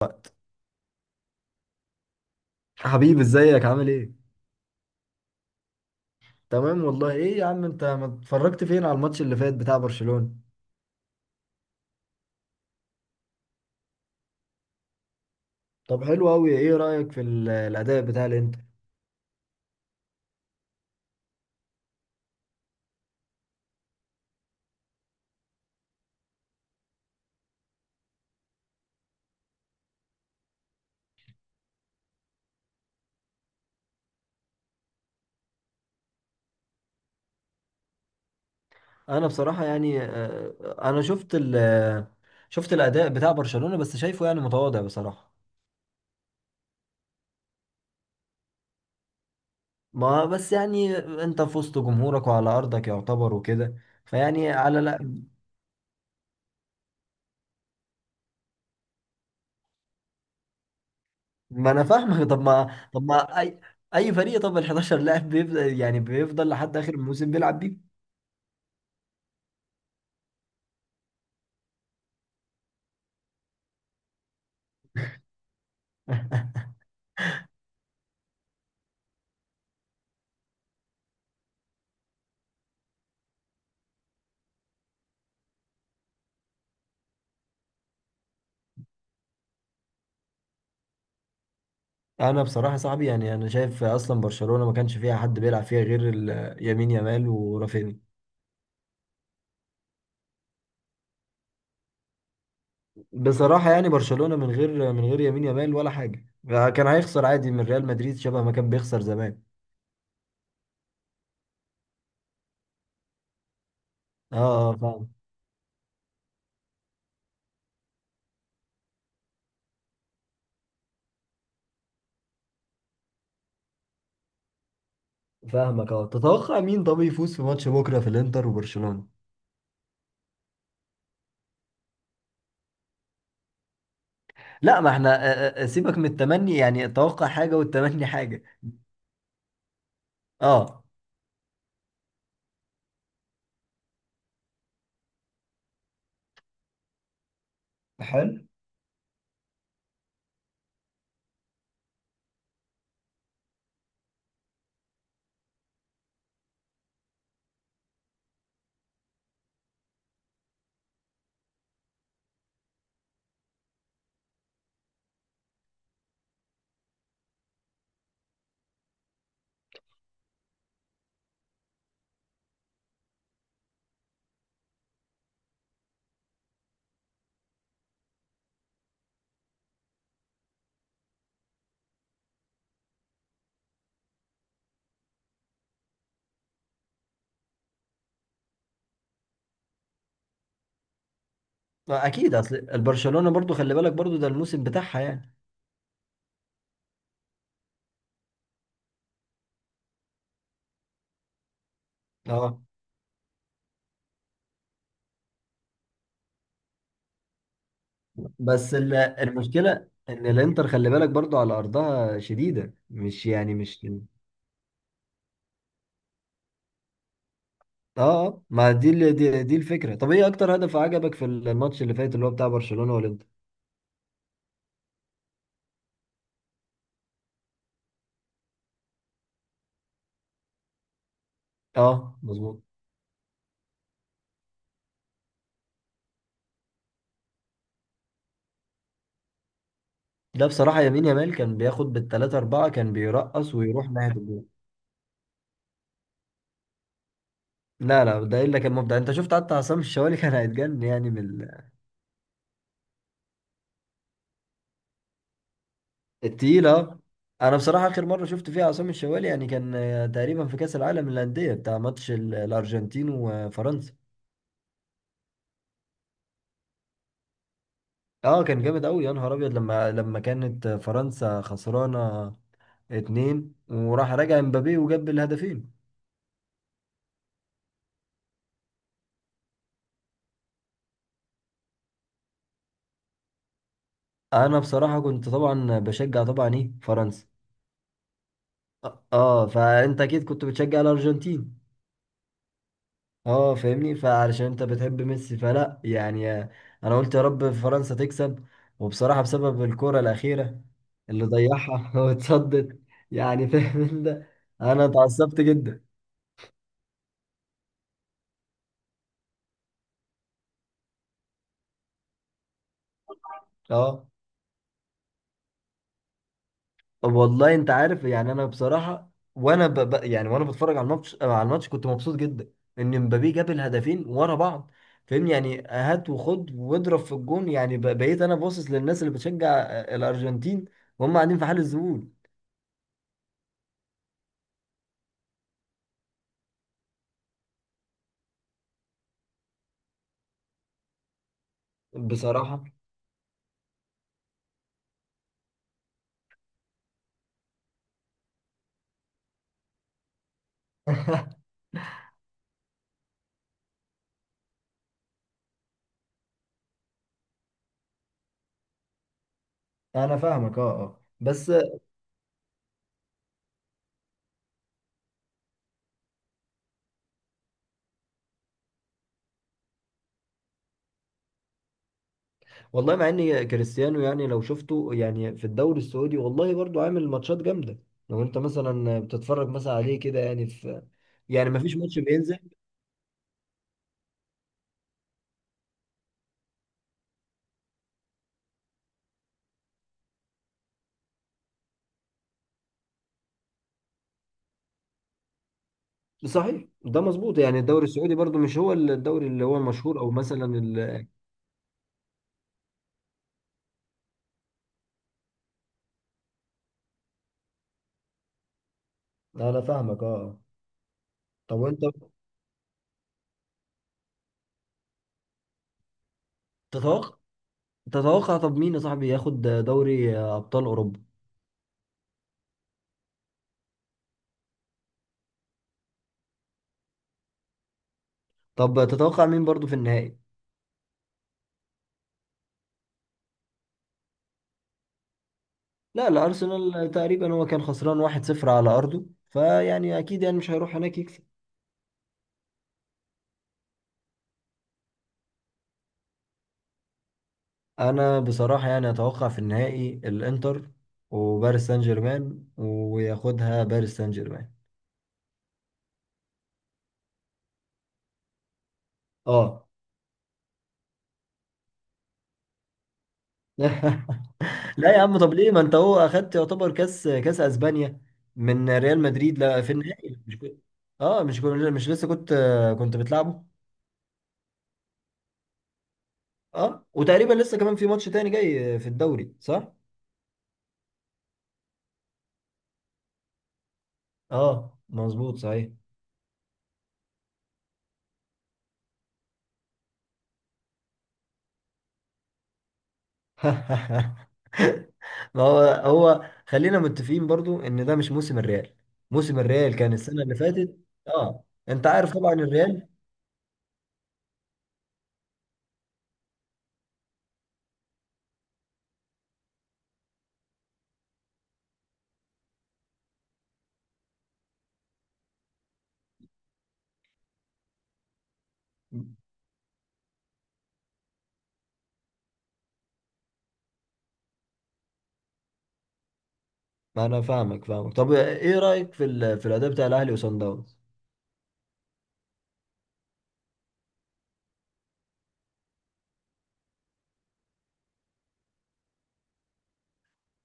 وقت. حبيبي ازيك عامل ايه؟ تمام والله. ايه يا عم انت ما اتفرجت فين على الماتش اللي فات بتاع برشلونة؟ طب حلو قوي. ايه رأيك في الاداء بتاع الانتر؟ انا بصراحة يعني انا شفت الاداء بتاع برشلونة بس شايفه يعني متواضع بصراحة. ما بس يعني انت في وسط جمهورك وعلى ارضك يعتبر وكده، فيعني على لا. ما انا فاهمك طب ما طب ما اي اي فريق، طب ال 11 لاعب بيفضل يعني بيفضل لحد اخر الموسم بيلعب بيه. انا بصراحه يا صاحبي يعني انا شايف اصلا برشلونه ما كانش فيها حد بيلعب فيها غير يمين يامال ورافينيا. بصراحه يعني برشلونه من غير يمين يامال ولا حاجه، كان هيخسر عادي من ريال مدريد شبه ما كان بيخسر زمان. اه. اه فاهم. فاهمك اه. تتوقع مين طب يفوز في ماتش بكره في الانتر وبرشلونه؟ لا ما احنا سيبك من التمني، يعني التوقع حاجه والتمني حاجه. اه. حلو. اكيد اصل البرشلونه برضو خلي بالك برضو ده الموسم بتاعها يعني. اه بس المشكلة ان الانتر خلي بالك برضو على ارضها شديدة، مش يعني مش اه. ما دي دي الفكرة. طب ايه اكتر هدف عجبك في الماتش اللي فات اللي هو بتاع برشلونة والانتر؟ اه مظبوط. ده بصراحة يمين يامال كان بياخد بالتلاتة أربعة كان بيرقص ويروح ناحية الجول. لا لا ده إلا كان مبدع. أنت شفت حتى عصام الشوالي كان هيتجن يعني من التقيل اه. أنا بصراحة آخر مرة شفت فيها عصام الشوالي يعني كان، تقريبا في كأس العالم للأندية بتاع ماتش الأرجنتين وفرنسا. اه كان جامد قوي يا نهار ابيض، لما كانت فرنسا خسرانه اتنين وراح راجع امبابي وجاب الهدفين. انا بصراحه كنت طبعا بشجع طبعا ايه فرنسا. اه، فانت اكيد كنت بتشجع الارجنتين. اه فاهمني، فعلشان انت بتحب ميسي فلا يعني. انا قلت يا رب فرنسا تكسب، وبصراحه بسبب الكره الاخيره اللي ضيعها واتصدت، يعني فاهم انت. انا اتعصبت جدا. اه والله انت عارف يعني انا بصراحه، يعني وانا بتفرج على الماتش آه، على الماتش كنت مبسوط جدا ان مبابي جاب الهدفين ورا بعض. فاهمني يعني هات وخد واضرب في الجون، بقيت انا باصص للناس اللي بتشجع الارجنتين وهم قاعدين في حال الذهول. بصراحه. انا فاهمك اه اه بس والله مع ان كريستيانو يعني لو شفته يعني في الدوري السعودي والله برضو عامل ماتشات جامده. لو انت مثلا بتتفرج مثلا عليه كده يعني في، يعني مفيش ماتش بينزل. صحيح ده مظبوط. يعني الدوري السعودي برضو مش هو الدوري اللي هو المشهور او مثلا انا فاهمك اه. طب وانت تتوقع، تتوقع طب مين يا صاحبي ياخد دوري ابطال اوروبا؟ طب تتوقع مين برضو في النهائي؟ لا لا ارسنال تقريبا هو كان خسران 1-0 على ارضه فيعني اكيد يعني مش هيروح هناك يكسب. انا بصراحة يعني اتوقع في النهائي الانتر وباريس سان جيرمان، وياخدها باريس سان جيرمان. اه. لا يا عم طب ليه ما انت هو اخدت يعتبر كاس كاس اسبانيا من ريال مدريد؟ لا في النهائي مش كنت، اه مش كنت مش لسه كنت، كنت بتلعبه. اه وتقريبا لسه كمان في ماتش تاني جاي في الدوري صح؟ اه مظبوط صحيح. ما هو هو خلينا متفقين برضو ان ده مش موسم الريال. موسم الريال كان السنة اللي فاتت. اه. انت عارف طبعا الريال. ما انا فاهمك. طب ايه رأيك في في الاداء بتاع الاهلي وصن داونز؟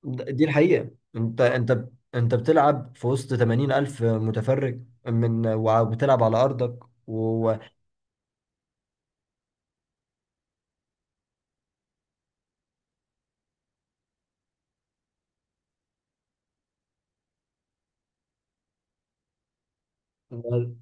دي الحقيقة. انت انت بتلعب في وسط 80 ألف متفرج من وبتلعب على أرضك و-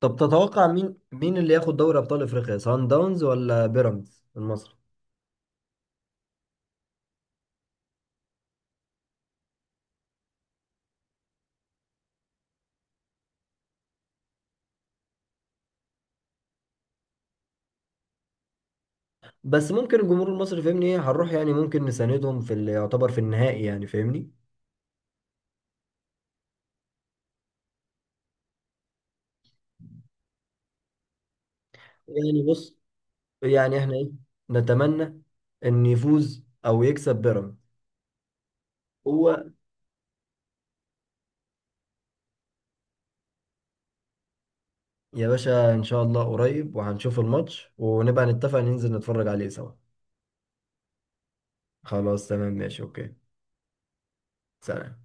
طب تتوقع مين مين اللي ياخد دوري أبطال أفريقيا، سان داونز ولا بيراميدز المصري؟ بس ممكن الجمهور المصري فاهمني ايه هنروح يعني ممكن نساندهم في اللي يعتبر في النهائي، يعني فاهمني. يعني بص، يعني احنا ايه، نتمنى ان يفوز او يكسب بيراميدز. هو يا باشا ان شاء الله قريب وهنشوف الماتش ونبقى نتفق ننزل نتفرج عليه سوا. خلاص تمام ماشي اوكي. سلام.